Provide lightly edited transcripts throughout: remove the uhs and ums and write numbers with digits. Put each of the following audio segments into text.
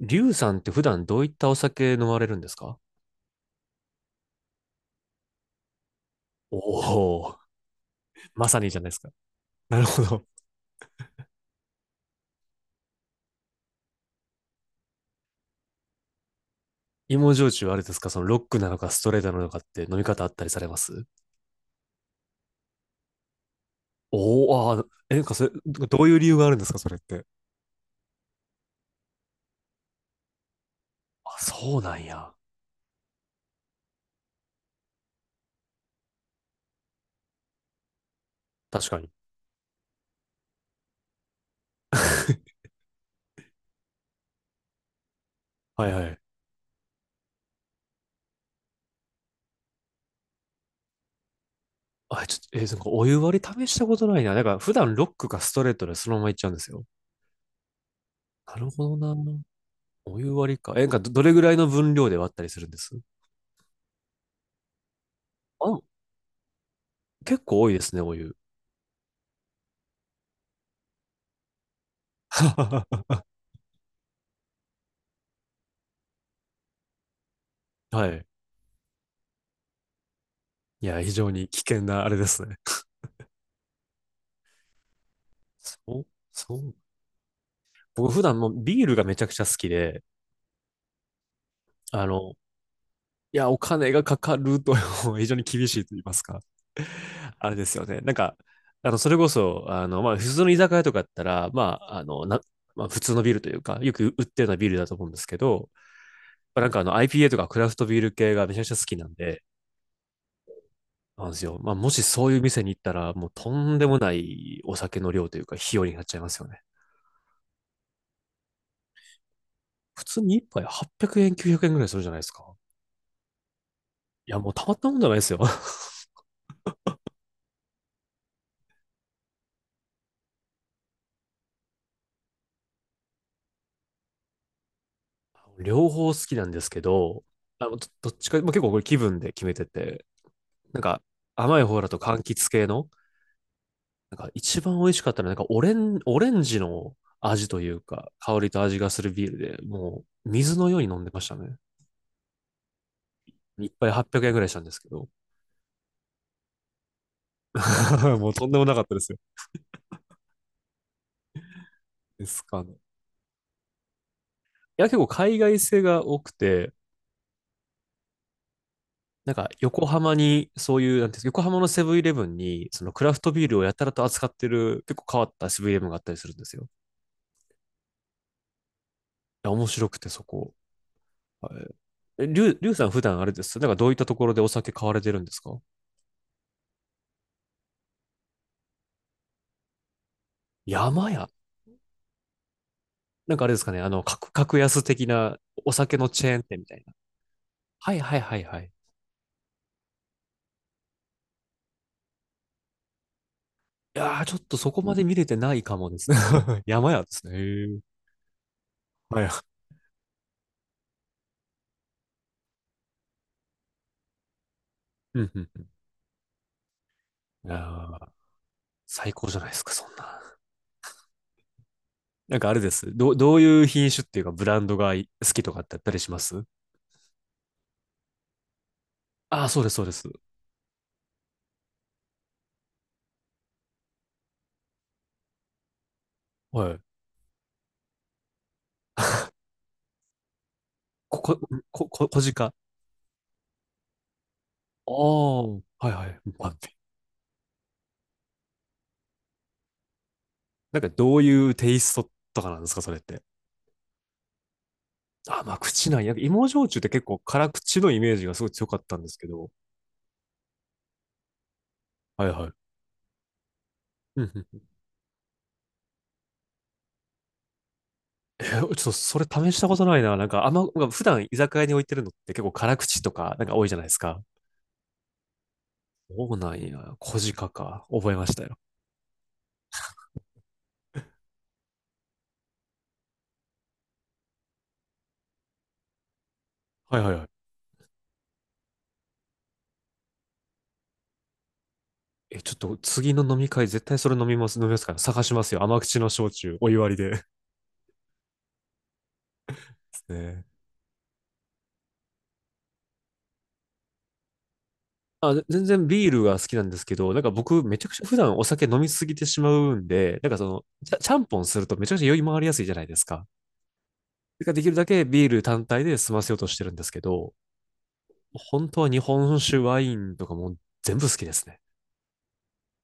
リュウさんって普段どういったお酒飲まれるんですか？おおー、まさにじゃないですか。なるほど。芋焼酎はあれですか、そのロックなのかストレートなのかって飲み方あったりされます？おおー、あー、なんかそれ、どういう理由があるんですかそれって。あ、そうなんや。確かに。はいはい。あ、ちょっと、なんかお湯割り試したことないな。なんか普段ロックかストレートでそのままいっちゃうんですよ。なるほどな。お湯割りか。なんかどれぐらいの分量で割ったりするんです？あ、結構多いですね、お湯。はい。いや、非常に危険なあれですね。そう、そう。僕普段もビールがめちゃくちゃ好きで、あの、いや、お金がかかると 非常に厳しいと言いますか。あれですよね。なんか、それこそ、普通の居酒屋とかだったら、まあ、まあ、普通のビールというか、よく売ってるようなビールだと思うんですけど、まあ、なんかIPA とかクラフトビール系がめちゃくちゃ好きなんで、なんですよ。まあ、もしそういう店に行ったら、もうとんでもないお酒の量というか、費用になっちゃいますよね。普通に一杯800円、900円ぐらいするじゃないですか。いや、もうたまったもんじゃないですよ。両方好きなんですけど、どっちか、まあ、結構これ気分で決めてて、なんか甘い方だと柑橘系の、なんか一番美味しかったのはなんかオレンジの味というか、香りと味がするビールで、もう水のように飲んでましたね。一杯800円ぐらいしたんですけど。もうとんでもなかったですよ。ですかね。いや、結構海外製が多くて、なんか、横浜に、そういう、なんていうんですか、横浜のセブンイレブンに、そのクラフトビールをやたらと扱ってる、結構変わったセブンイレブンがあったりするんですよ。いや、面白くて、そこ。はい。りゅうさん普段あれです。なんかどういったところでお酒買われてるんですか？山屋。なんかあれですかね、格安的なお酒のチェーン店みたいな。はいはいはいはい。いやー、ちょっとそこまで見れてないかもですね。山屋ですね。へー、はい。うんうん。いやー、最高じゃないですか、そんな。なんかあれです。どういう品種っていうかブランドがい好きとかってあったりします？ああー、そうです、そうです。はい。こ、こ、こ、こ、小鹿。ああ、はいはい。待って。なんかどういうテイストとかなんですか、それって。ああ、まあ口ない。なんか芋焼酎って結構辛口のイメージがすごい強かったんですけど。はいはい。うんうん。ちょっとそれ試したことないな。なんかなんか普段居酒屋に置いてるのって結構辛口とかなんか多いじゃないですか。そうなんや。小鹿か。覚えましたよ。はいはいはい。え、ちょっと次の飲み会絶対それ飲みます、飲みますから探しますよ。甘口の焼酎、お湯割りで。ですね。あ、全然ビールが好きなんですけど、なんか僕めちゃくちゃ普段お酒飲みすぎてしまうんで、なんかその、ちゃんぽんするとめちゃくちゃ酔い回りやすいじゃないですか。だからできるだけビール単体で済ませようとしてるんですけど、本当は日本酒、ワインとかもう全部好きですね。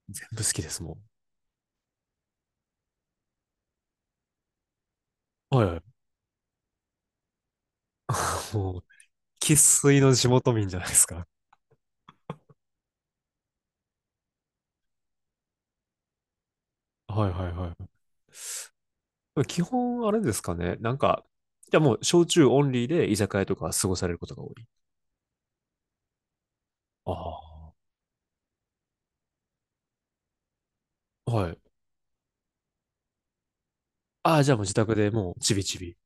全部好きです、もう。はいはい。もう、生粋の地元民じゃないですか。はいはいはい。基本あれですかね。なんか、じゃあもう焼酎オンリーで居酒屋とか過ごされることが多い。ああ、はい。ああ、じゃあもう自宅でもうちびちび。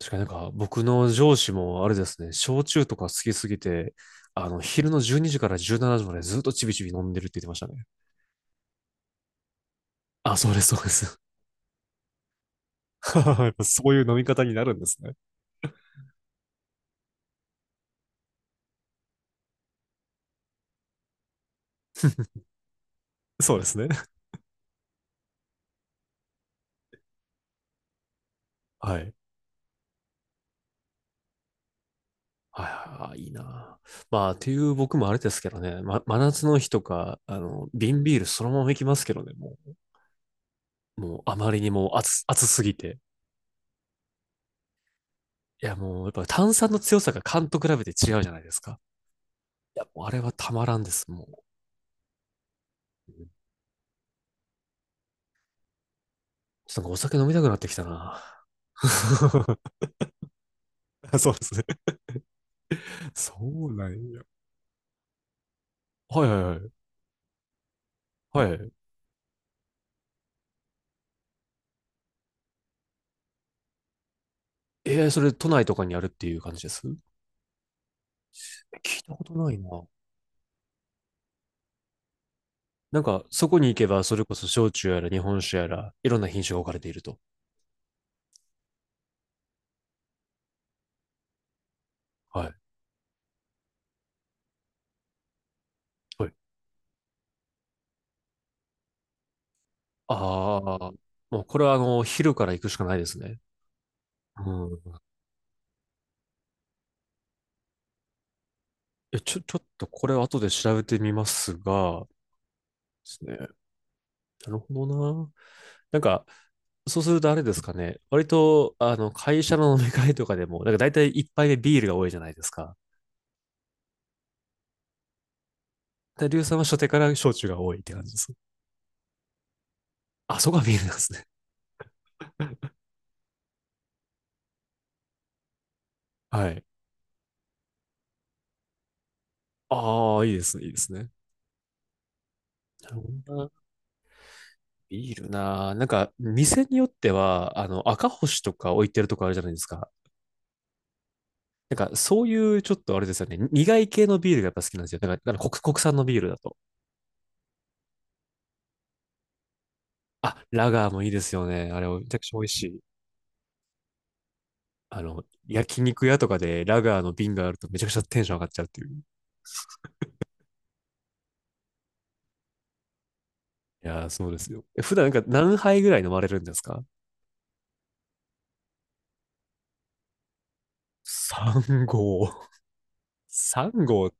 確かになんか僕の上司もあれですね、焼酎とか好きすぎて、あの、昼の12時から17時までずっとちびちび飲んでるって言ってましたね。あ、そうです、そうです。やっぱそういう飲み方になるんですね。そうですね。はい。はいはいはい、いいな。まあ、っていう僕もあれですけどね、真夏の日とか、あの、瓶ビールそのまま行きますけどね、もう。もうあまりにも熱すぎて。いや、もうやっぱ炭酸の強さが缶と比べて違うじゃないですか。いや、もうあれはたまらんです、もう。うん、ちょっとなんかお酒飲みたくなってきたな。そうですね。そうなんや。はいはいはい。はい。それ都内とかにあるっていう感じです。聞いたことないな。なんか、そこに行けば、それこそ焼酎やら日本酒やら、いろんな品種が置かれていると。はい。はい。ああ、もうこれはあの、昼から行くしかないですね。うん。いや、ちょっとこれは後で調べてみますが、ですね。なるほどな。なんか、そうするとあれですかね。割と、あの、会社の飲み会とかでも、なんか大体一杯目ビールが多いじゃないですか。で、リュウさんは初手から焼酎が多いって感じです？あ、そこはビールなんですね。はい。ああ、いいですね、いいですね。なるほどな。ビールな。なんか、店によっては、あの、赤星とか置いてるとこあるじゃないですか。なんか、そういうちょっとあれですよね。苦い系のビールがやっぱ好きなんですよ。なんか、国産のビールだと。あ、ラガーもいいですよね。あれ、めちゃくちゃ美味しい。あの、焼肉屋とかでラガーの瓶があるとめちゃくちゃテンション上がっちゃうっていう。いやー、そうですよ。普段なんか何杯ぐらい飲まれるんですか ?3 合。3号、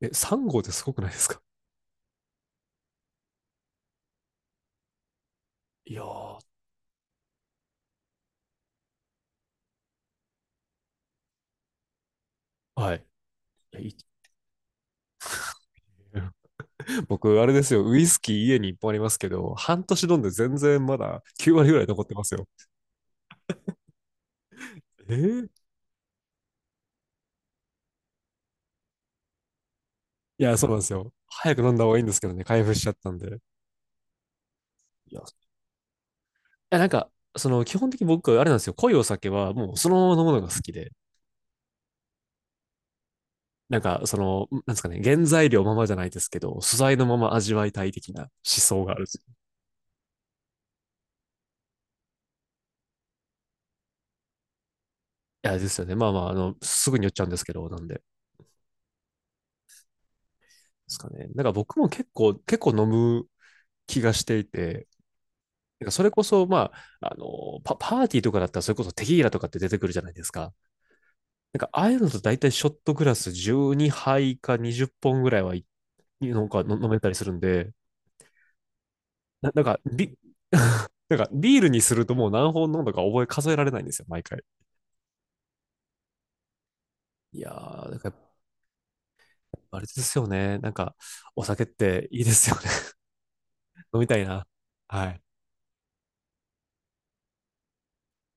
3号ってすごくないですか？いやー、はい。いやいい 僕、あれですよ。ウイスキー家に1本ありますけど、半年飲んで全然まだ9割ぐらい残ってますよ。えーいや、そうなんですよ。早く飲んだ方がいいんですけどね、開封しちゃったんで。いや、なんか、その、基本的に僕、あれなんですよ。濃いお酒は、もう、そのまま飲むのが好きで。なんか、その、なんですかね、原材料ままじゃないですけど、素材のまま味わいたい的な思想がある。いや、ですよね。まあまあ、あの、すぐに酔っちゃうんですけど、なんでですかね。なんか僕も結構、結構飲む気がしていて、なんかそれこそ、まあ、あの、パーティーとかだったら、それこそテキーラとかって出てくるじゃないですか。なんか、ああいうのと大体ショットグラス12杯か20本ぐらいはい、なんかの飲めたりするんで、なんか、なんかビールにするともう何本飲んだか数えられないんですよ、毎回。いやー、だからあれですよね。なんか、お酒っていいですよね。飲みたいな。はい。